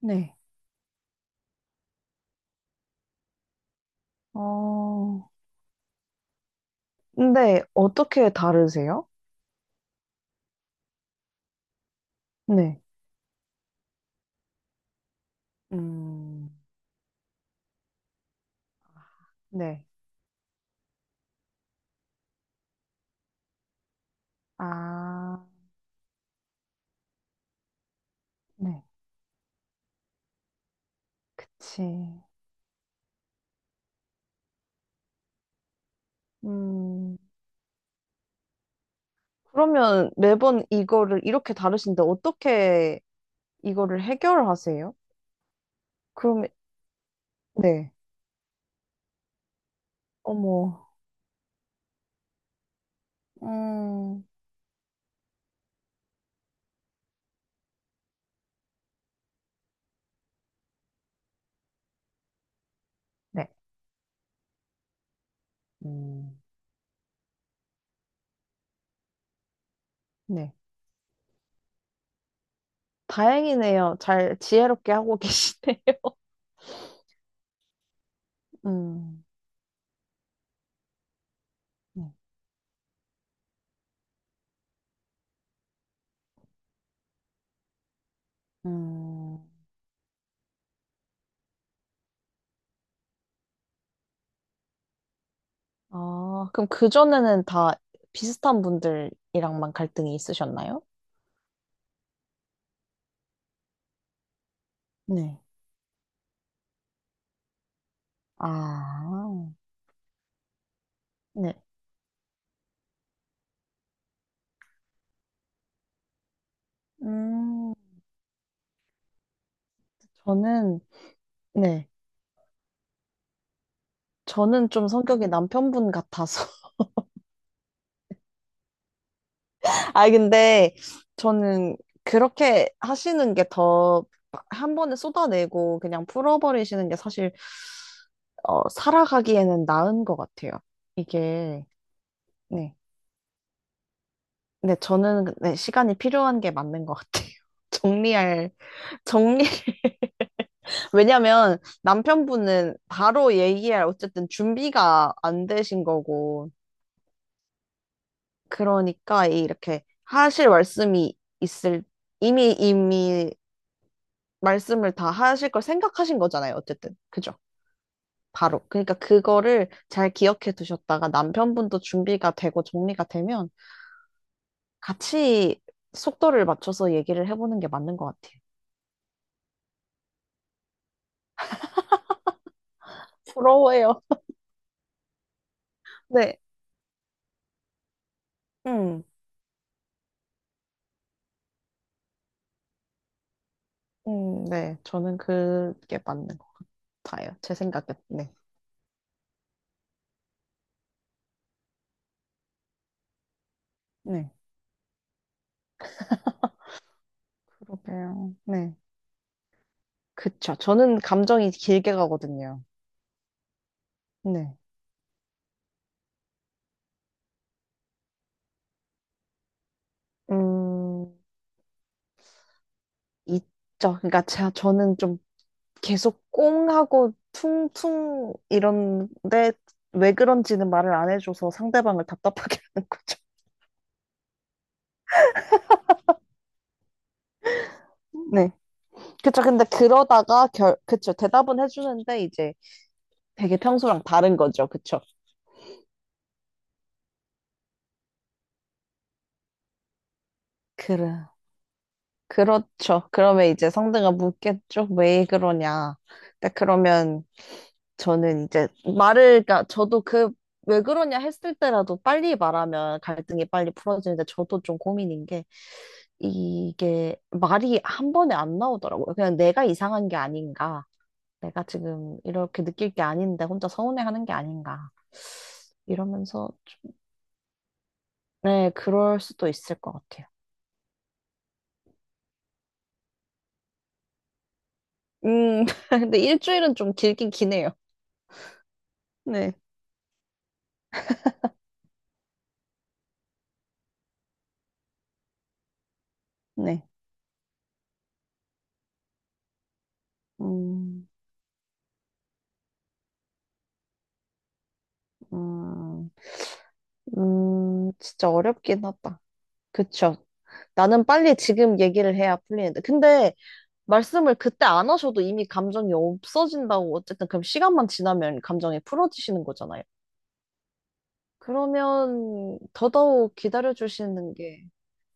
네. 어, 근데 어떻게 다르세요? 네. 음, 네. 아, 네. 그치. 음, 그러면 매번 이거를 이렇게 다루시는데 어떻게 이거를 해결하세요? 그럼, 네. 어머, 음, 네. 음, 네. 다행이네요. 잘 지혜롭게 하고 계시네요. 음, 네. 음. 아, 그럼 그전에는 다 비슷한 분들이랑만 갈등이 있으셨나요? 네. 아, 네. 음, 저는, 네. 저는 좀 성격이 남편분 같아서. 아, 근데 저는 그렇게 하시는 게 더 한 번에 쏟아내고 그냥 풀어버리시는 게 사실, 살아가기에는 나은 것 같아요. 이게, 네. 네, 저는, 네, 시간이 필요한 게 맞는 것 같아요. 정리할, 정리, 왜냐면 남편분은 바로 얘기할 어쨌든 준비가 안 되신 거고 그러니까 이렇게 하실 말씀이 있을 이미 말씀을 다 하실 걸 생각하신 거잖아요. 어쨌든 그죠? 바로. 그러니까 그거를 잘 기억해 두셨다가 남편분도 준비가 되고 정리가 되면 같이 속도를 맞춰서 얘기를 해보는 게 맞는 것 같아요. 부러워요. 네. 음, 네. 저는 그게 맞는 것 같아요. 제 생각에. 네. 네. 그러게요. 네. 그쵸. 저는 감정이 길게 가거든요. 네. 음, 있죠. 그러니까 제가, 저는 좀 계속 꽁하고 퉁퉁 이런데 왜 그런지는 말을 안 해줘서 상대방을 답답하게 하는 거죠. 네. 그쵸. 근데 그러다가 결, 그쵸. 대답은 해주는데 이제 되게 평소랑 다른 거죠. 그쵸. 그래. 그렇죠. 그러면 이제 상대가 묻겠죠. 왜 그러냐. 근데 그러면 저는 이제 말을, 그러니까 저도 그, 왜 그러냐 했을 때라도 빨리 말하면 갈등이 빨리 풀어지는데 저도 좀 고민인 게 이게 말이 한 번에 안 나오더라고요. 그냥 내가 이상한 게 아닌가. 내가 지금 이렇게 느낄 게 아닌데 혼자 서운해하는 게 아닌가. 이러면서 좀, 네, 그럴 수도 있을 것 같아요. 근데 일주일은 좀 길긴 기네요. 네, 네. 음, 음, 진짜 어렵긴 하다. 그쵸. 나는 빨리 지금 얘기를 해야 풀리는데. 근데 말씀을 그때 안 하셔도 이미 감정이 없어진다고 어쨌든 그럼 시간만 지나면 감정이 풀어지시는 거잖아요. 그러면 더더욱 기다려주시는 게,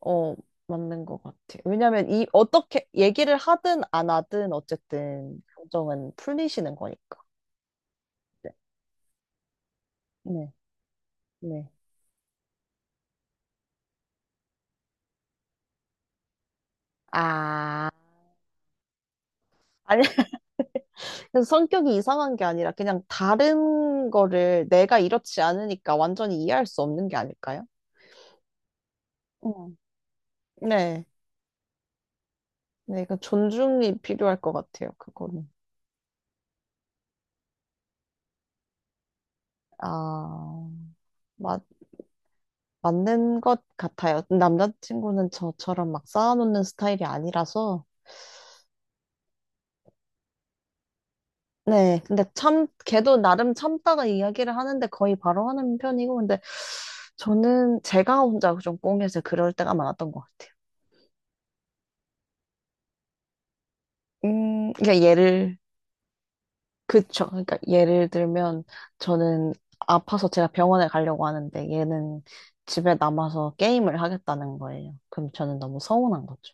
어, 맞는 것 같아요. 왜냐면 이, 어떻게 얘기를 하든 안 하든 어쨌든 감정은 풀리시는 거니까. 네. 네. 네. 아, 아니. 그래서 성격이 이상한 게 아니라 그냥 다른 거를 내가 이렇지 않으니까 완전히 이해할 수 없는 게 아닐까요? 음. 네. 네, 그 존중이 필요할 것 같아요, 그거는. 아, 맞, 맞는 것 같아요. 남자친구는 저처럼 막 쌓아놓는 스타일이 아니라서. 네, 근데 참, 걔도 나름 참다가 이야기를 하는데 거의 바로 하는 편이고, 근데 저는 제가 혼자 좀 꽁해서 그럴 때가 많았던 것 같아요. 그러니까 얘를 그쵸. 그러니까 예를 들면 저는 아파서 제가 병원에 가려고 하는데 얘는 집에 남아서 게임을 하겠다는 거예요. 그럼 저는 너무 서운한 거죠.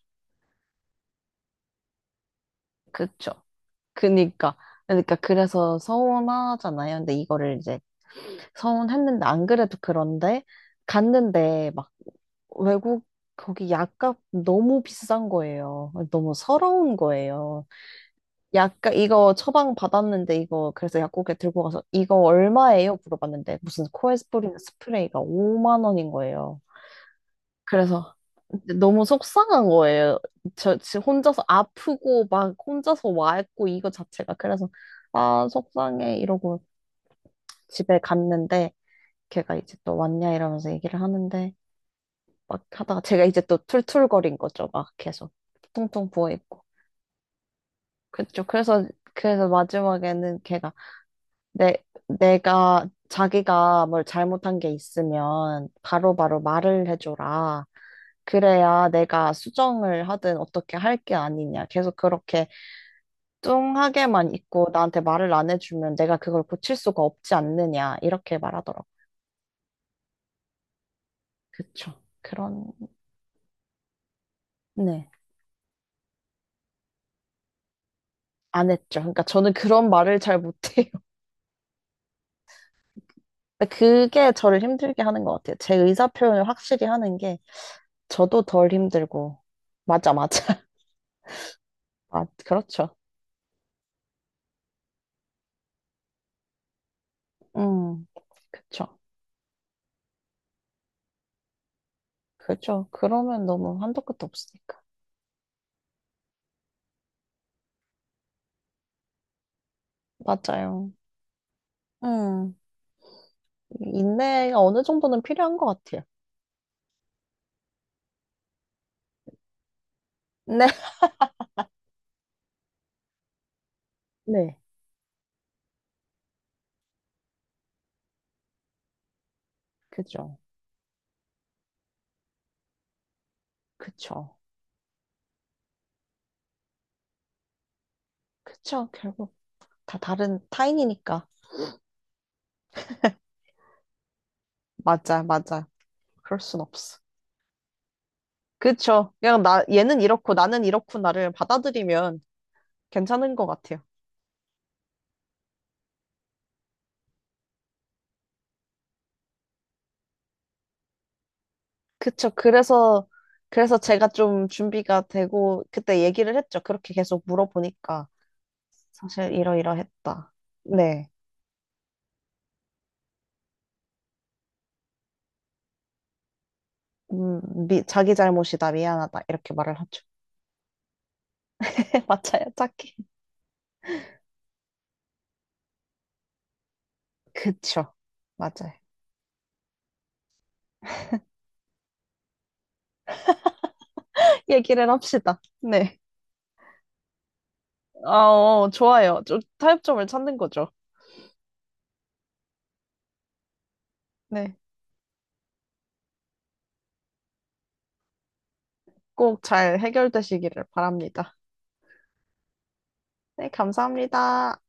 그쵸. 그니까. 그러니까 그래서 서운하잖아요. 근데 이거를 이제 서운했는데 안 그래도 그런데 갔는데 막 외국 거기 약값 너무 비싼 거예요. 너무 서러운 거예요. 약간 이거 처방 받았는데 이거 그래서 약국에 들고 가서 이거 얼마예요? 물어봤는데 무슨 코에스리린 스프레이가 5만 원인 거예요. 그래서 너무 속상한 거예요. 저, 저 혼자서 아프고 막 혼자서 와 있고 이거 자체가 그래서 아 속상해 이러고 집에 갔는데 걔가 이제 또 왔냐 이러면서 얘기를 하는데 막 하다가 제가 이제 또 툴툴거린 거죠. 막 계속 퉁퉁 부어 있고 그쵸. 그래서 그래서 마지막에는 걔가 내, 내가 자기가 뭘 잘못한 게 있으면 바로바로 말을 해줘라. 그래야 내가 수정을 하든 어떻게 할 게 아니냐. 계속 그렇게 뚱하게만 있고 나한테 말을 안 해주면 내가 그걸 고칠 수가 없지 않느냐. 이렇게 말하더라고. 그쵸. 그런, 네. 안 했죠. 그러니까 저는 그런 말을 잘 못해요. 근데 그게 저를 힘들게 하는 것 같아요. 제 의사 표현을 확실히 하는 게 저도 덜 힘들고. 맞아, 맞아. 아, 그렇죠. 음, 그쵸. 그죠. 그러면 너무 한도 끝도 없으니까. 맞아요. 음, 인내가 어느 정도는 필요한 것 같아요. 네. 네. 그죠. 그쵸. 그쵸. 결국 다 다른 타인이니까. 맞아, 맞아. 그럴 순 없어. 그쵸. 그냥 나, 얘는 이렇고 나는 이렇구나를 받아들이면 괜찮은 것 같아요. 그쵸. 그래서, 그래서 제가 좀 준비가 되고 그때 얘기를 했죠. 그렇게 계속 물어보니까 사실 이러이러했다. 네. 음, 미, 자기 잘못이다, 미안하다, 이렇게 말을 하죠. 네, 맞아요, 딱히. 그쵸, 맞아요. 얘기를 합시다. 네. 아, 어, 좋아요. 좀 타협점을 찾는 거죠. 네. 꼭 잘 해결되시기를 바랍니다. 네, 감사합니다.